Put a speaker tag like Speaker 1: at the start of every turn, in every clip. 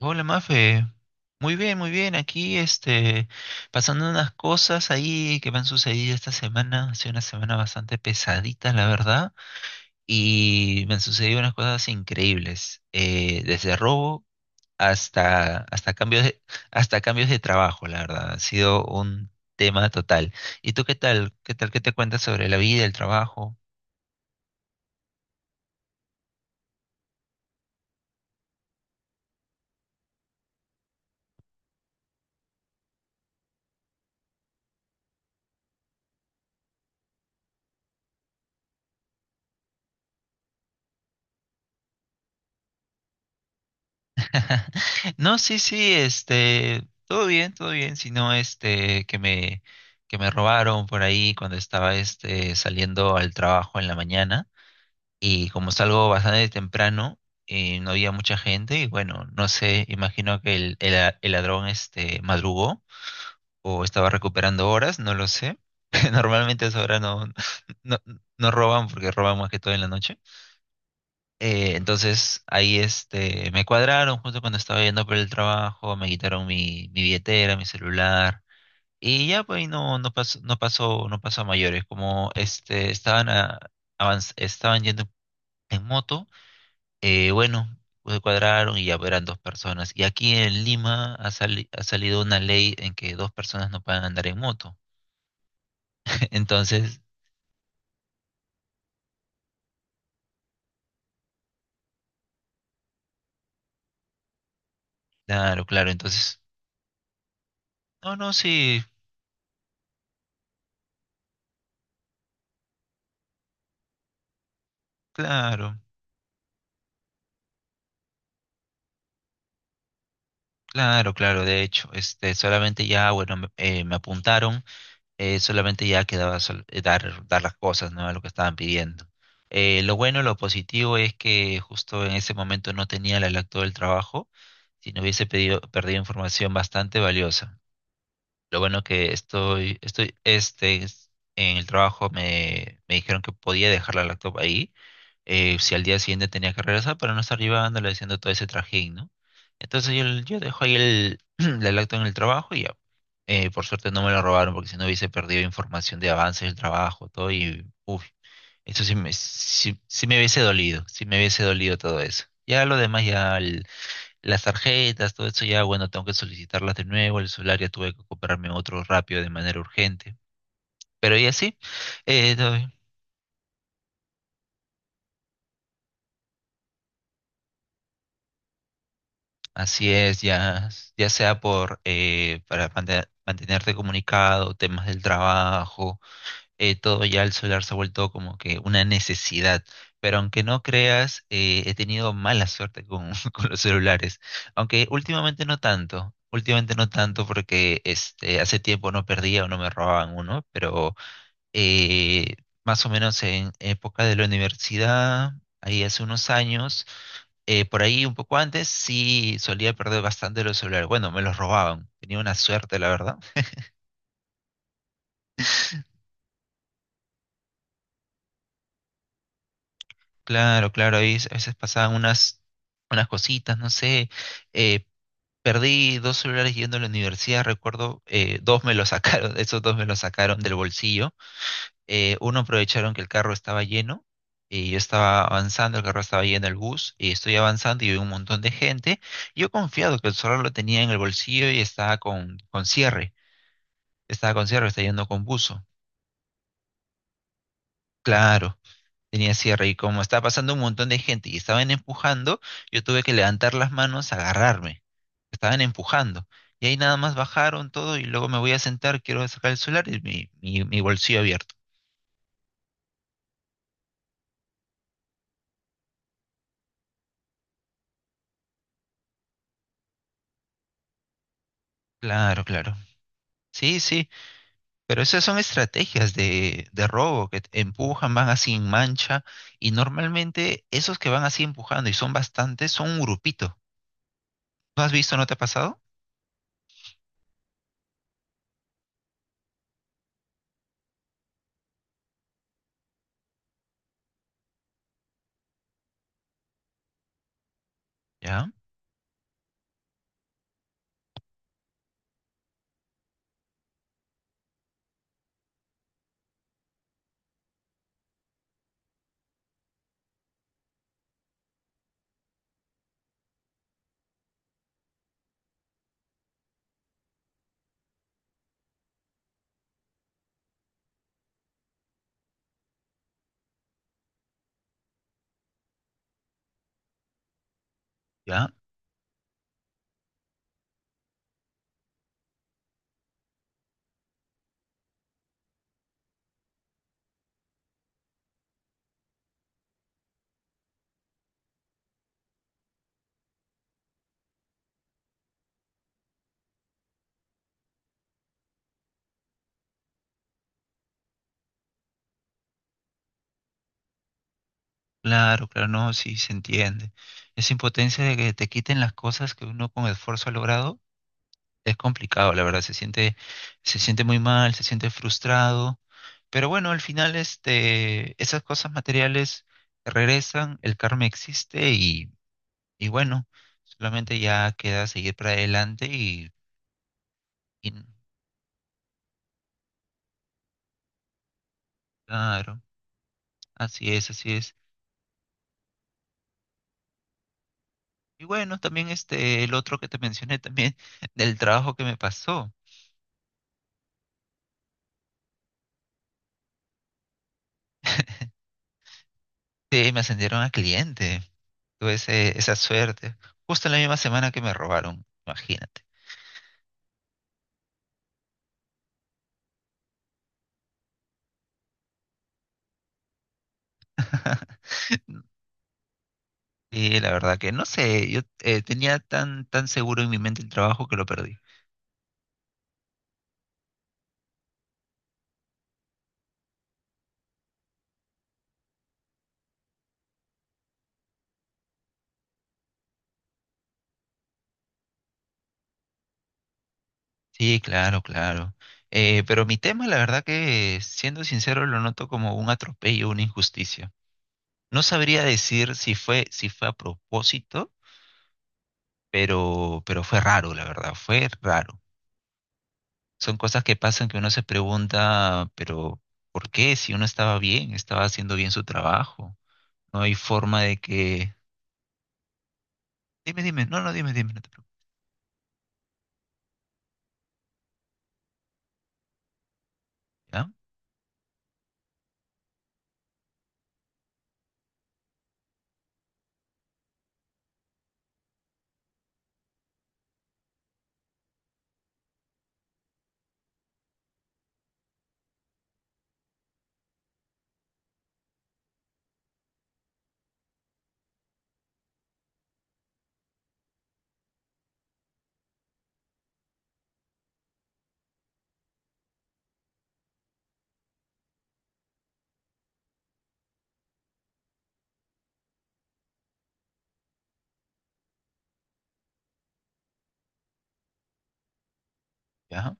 Speaker 1: Hola Mafe, muy bien, aquí pasando unas cosas ahí que me han sucedido esta semana, ha sido una semana bastante pesadita, la verdad, y me han sucedido unas cosas increíbles, desde robo hasta cambios de, hasta cambios de trabajo, la verdad, ha sido un tema total. ¿Y tú qué tal? ¿Qué tal? ¿Qué te cuentas sobre la vida, el trabajo? No, sí, sí, todo bien, sino que me robaron por ahí cuando estaba saliendo al trabajo en la mañana y como salgo bastante temprano no había mucha gente y bueno, no sé, imagino que el ladrón este madrugó o estaba recuperando horas, no lo sé. Normalmente a esa hora no, no no roban porque roban más que todo en la noche. Entonces ahí me cuadraron justo cuando estaba yendo por el trabajo, me quitaron mi billetera, mi celular y ya pues no, no pasó, no pasó, no pasó a mayores. Como estaban, estaban yendo en moto, bueno, pues cuadraron y ya eran dos personas. Y aquí en Lima ha salido una ley en que dos personas no pueden andar en moto. Entonces, claro, claro, entonces, no, no, sí, claro. Claro, claro, de hecho, solamente ya, bueno, me apuntaron, solamente ya quedaba dar las cosas, ¿no? A lo que estaban pidiendo. Lo bueno, lo positivo es que justo en ese momento no tenía la laptop del trabajo, si no hubiese perdido información bastante valiosa. Lo bueno que en el trabajo me dijeron que podía dejar la laptop ahí, si al día siguiente tenía que regresar para no estar llevándole haciendo todo ese trajín, ¿no? Entonces yo dejo ahí la lacto en el trabajo y ya. Por suerte no me lo robaron porque si no hubiese perdido información de avances del trabajo, todo y uff, eso sí, sí me hubiese dolido, sí me hubiese dolido todo eso. Ya lo demás, las tarjetas, todo eso, ya bueno, tengo que solicitarlas de nuevo, el celular ya tuve que comprarme otro rápido de manera urgente. Pero y así, así es, ya, ya sea por para mantenerte comunicado, temas del trabajo, todo ya el celular se ha vuelto como que una necesidad. Pero aunque no creas, he tenido mala suerte con, con los celulares. Aunque últimamente no tanto porque hace tiempo no perdía o no me robaban uno, pero eh, más o menos en época de la universidad, ahí hace unos años por ahí un poco antes sí solía perder bastante los celulares. Bueno, me los robaban. Tenía una suerte, la verdad. Claro, claro, ahí a veces pasaban unas cositas, no sé. eh, perdí dos celulares yendo a la universidad, recuerdo, dos me los sacaron, esos dos me los sacaron del bolsillo. Uno aprovecharon que el carro estaba lleno. Y yo estaba avanzando, el carro estaba lleno, el bus, y estoy avanzando y vi un montón de gente. Yo confiado que el celular lo tenía en el bolsillo y estaba con cierre, estaba con cierre, estaba yendo con bus. Claro, tenía cierre y como estaba pasando un montón de gente y estaban empujando, yo tuve que levantar las manos, agarrarme. Estaban empujando. Y ahí nada más bajaron todo y luego me voy a sentar, quiero sacar el celular y mi bolsillo abierto. Claro, claro. Sí, sí, pero esas son estrategias de robo que te empujan, van así en mancha y normalmente esos que van así empujando y son bastantes son un grupito. ¿No has visto? ¿No te ha pasado? Ya, ya. Claro, claro, no, sí se entiende. Esa impotencia de que te quiten las cosas que uno con esfuerzo ha logrado es complicado, la verdad, se siente muy mal, se siente frustrado, pero bueno, al final esas cosas materiales regresan, el karma existe y bueno, solamente ya queda seguir para adelante y claro, así es, así es. Y bueno, también el otro que te mencioné también del trabajo que me pasó, sí, me ascendieron a cliente. Tuve esa suerte. Justo en la misma semana que me robaron, imagínate. Y la verdad que no sé, yo tenía tan seguro en mi mente el trabajo que lo perdí. Sí, claro, claro. Pero mi tema, la verdad que, siendo sincero, lo noto como un atropello, una injusticia. No sabría decir si si fue a propósito, pero fue raro, la verdad, fue raro. Son cosas que pasan que uno se pregunta, pero ¿por qué? Si uno estaba bien, estaba haciendo bien su trabajo. No hay forma de que... Dime, dime, no, no, dime, dime, no te preocupes. ¿Ya? ¿Ya?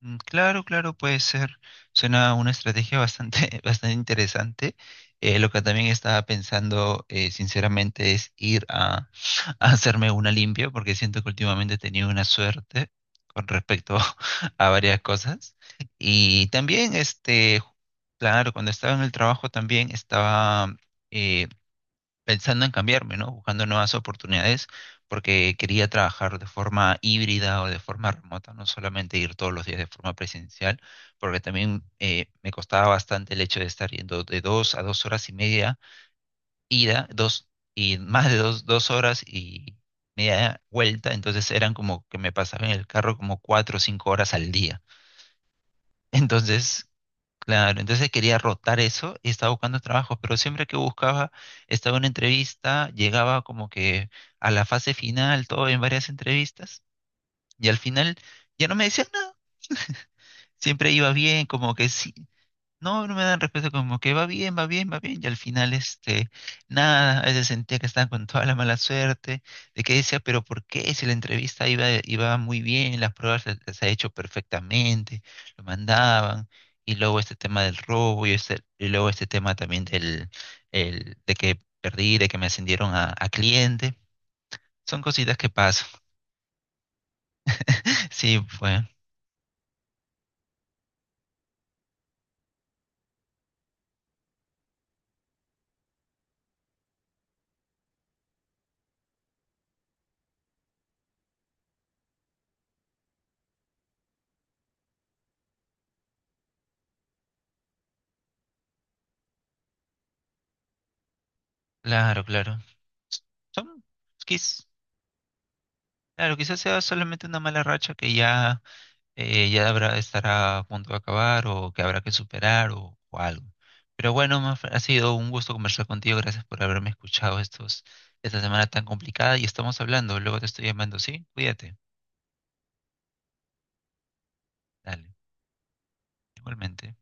Speaker 1: Mm, claro, claro, puede ser. Suena una estrategia bastante, bastante interesante. Lo que también estaba pensando, sinceramente, es ir a, a hacerme una limpia, porque siento que últimamente he tenido una suerte con respecto a varias cosas. Y también, claro, cuando estaba en el trabajo también estaba... eh, pensando en cambiarme, ¿no? Buscando nuevas oportunidades porque quería trabajar de forma híbrida o de forma remota, no solamente ir todos los días de forma presencial, porque también me costaba bastante el hecho de estar yendo de dos a dos horas y media ida, dos y más de dos, dos horas y media vuelta, entonces eran como que me pasaba en el carro como cuatro o cinco horas al día. Entonces claro, entonces quería rotar eso y estaba buscando trabajos, pero siempre que buscaba, estaba en una entrevista, llegaba como que a la fase final, todo en varias entrevistas, y al final ya no me decían nada. Siempre iba bien, como que sí, no, no me dan respeto, como que va bien, va bien, va bien, y al final, nada, a veces sentía que estaba con toda la mala suerte, de que decía, pero ¿por qué? Si la entrevista iba muy bien, las pruebas se ha hecho perfectamente, lo mandaban, y luego este tema del robo, y luego este tema también de que perdí, de que me ascendieron a cliente, son cositas que pasan. Sí, pues, claro, claro. Son, quiz- claro, quizás sea solamente una mala racha que ya ya habrá, estará a punto de acabar o que habrá que superar o algo. Pero bueno, Maf, ha sido un gusto conversar contigo. Gracias por haberme escuchado esta semana tan complicada y estamos hablando. Luego te estoy llamando, ¿sí? Cuídate. Dale, igualmente.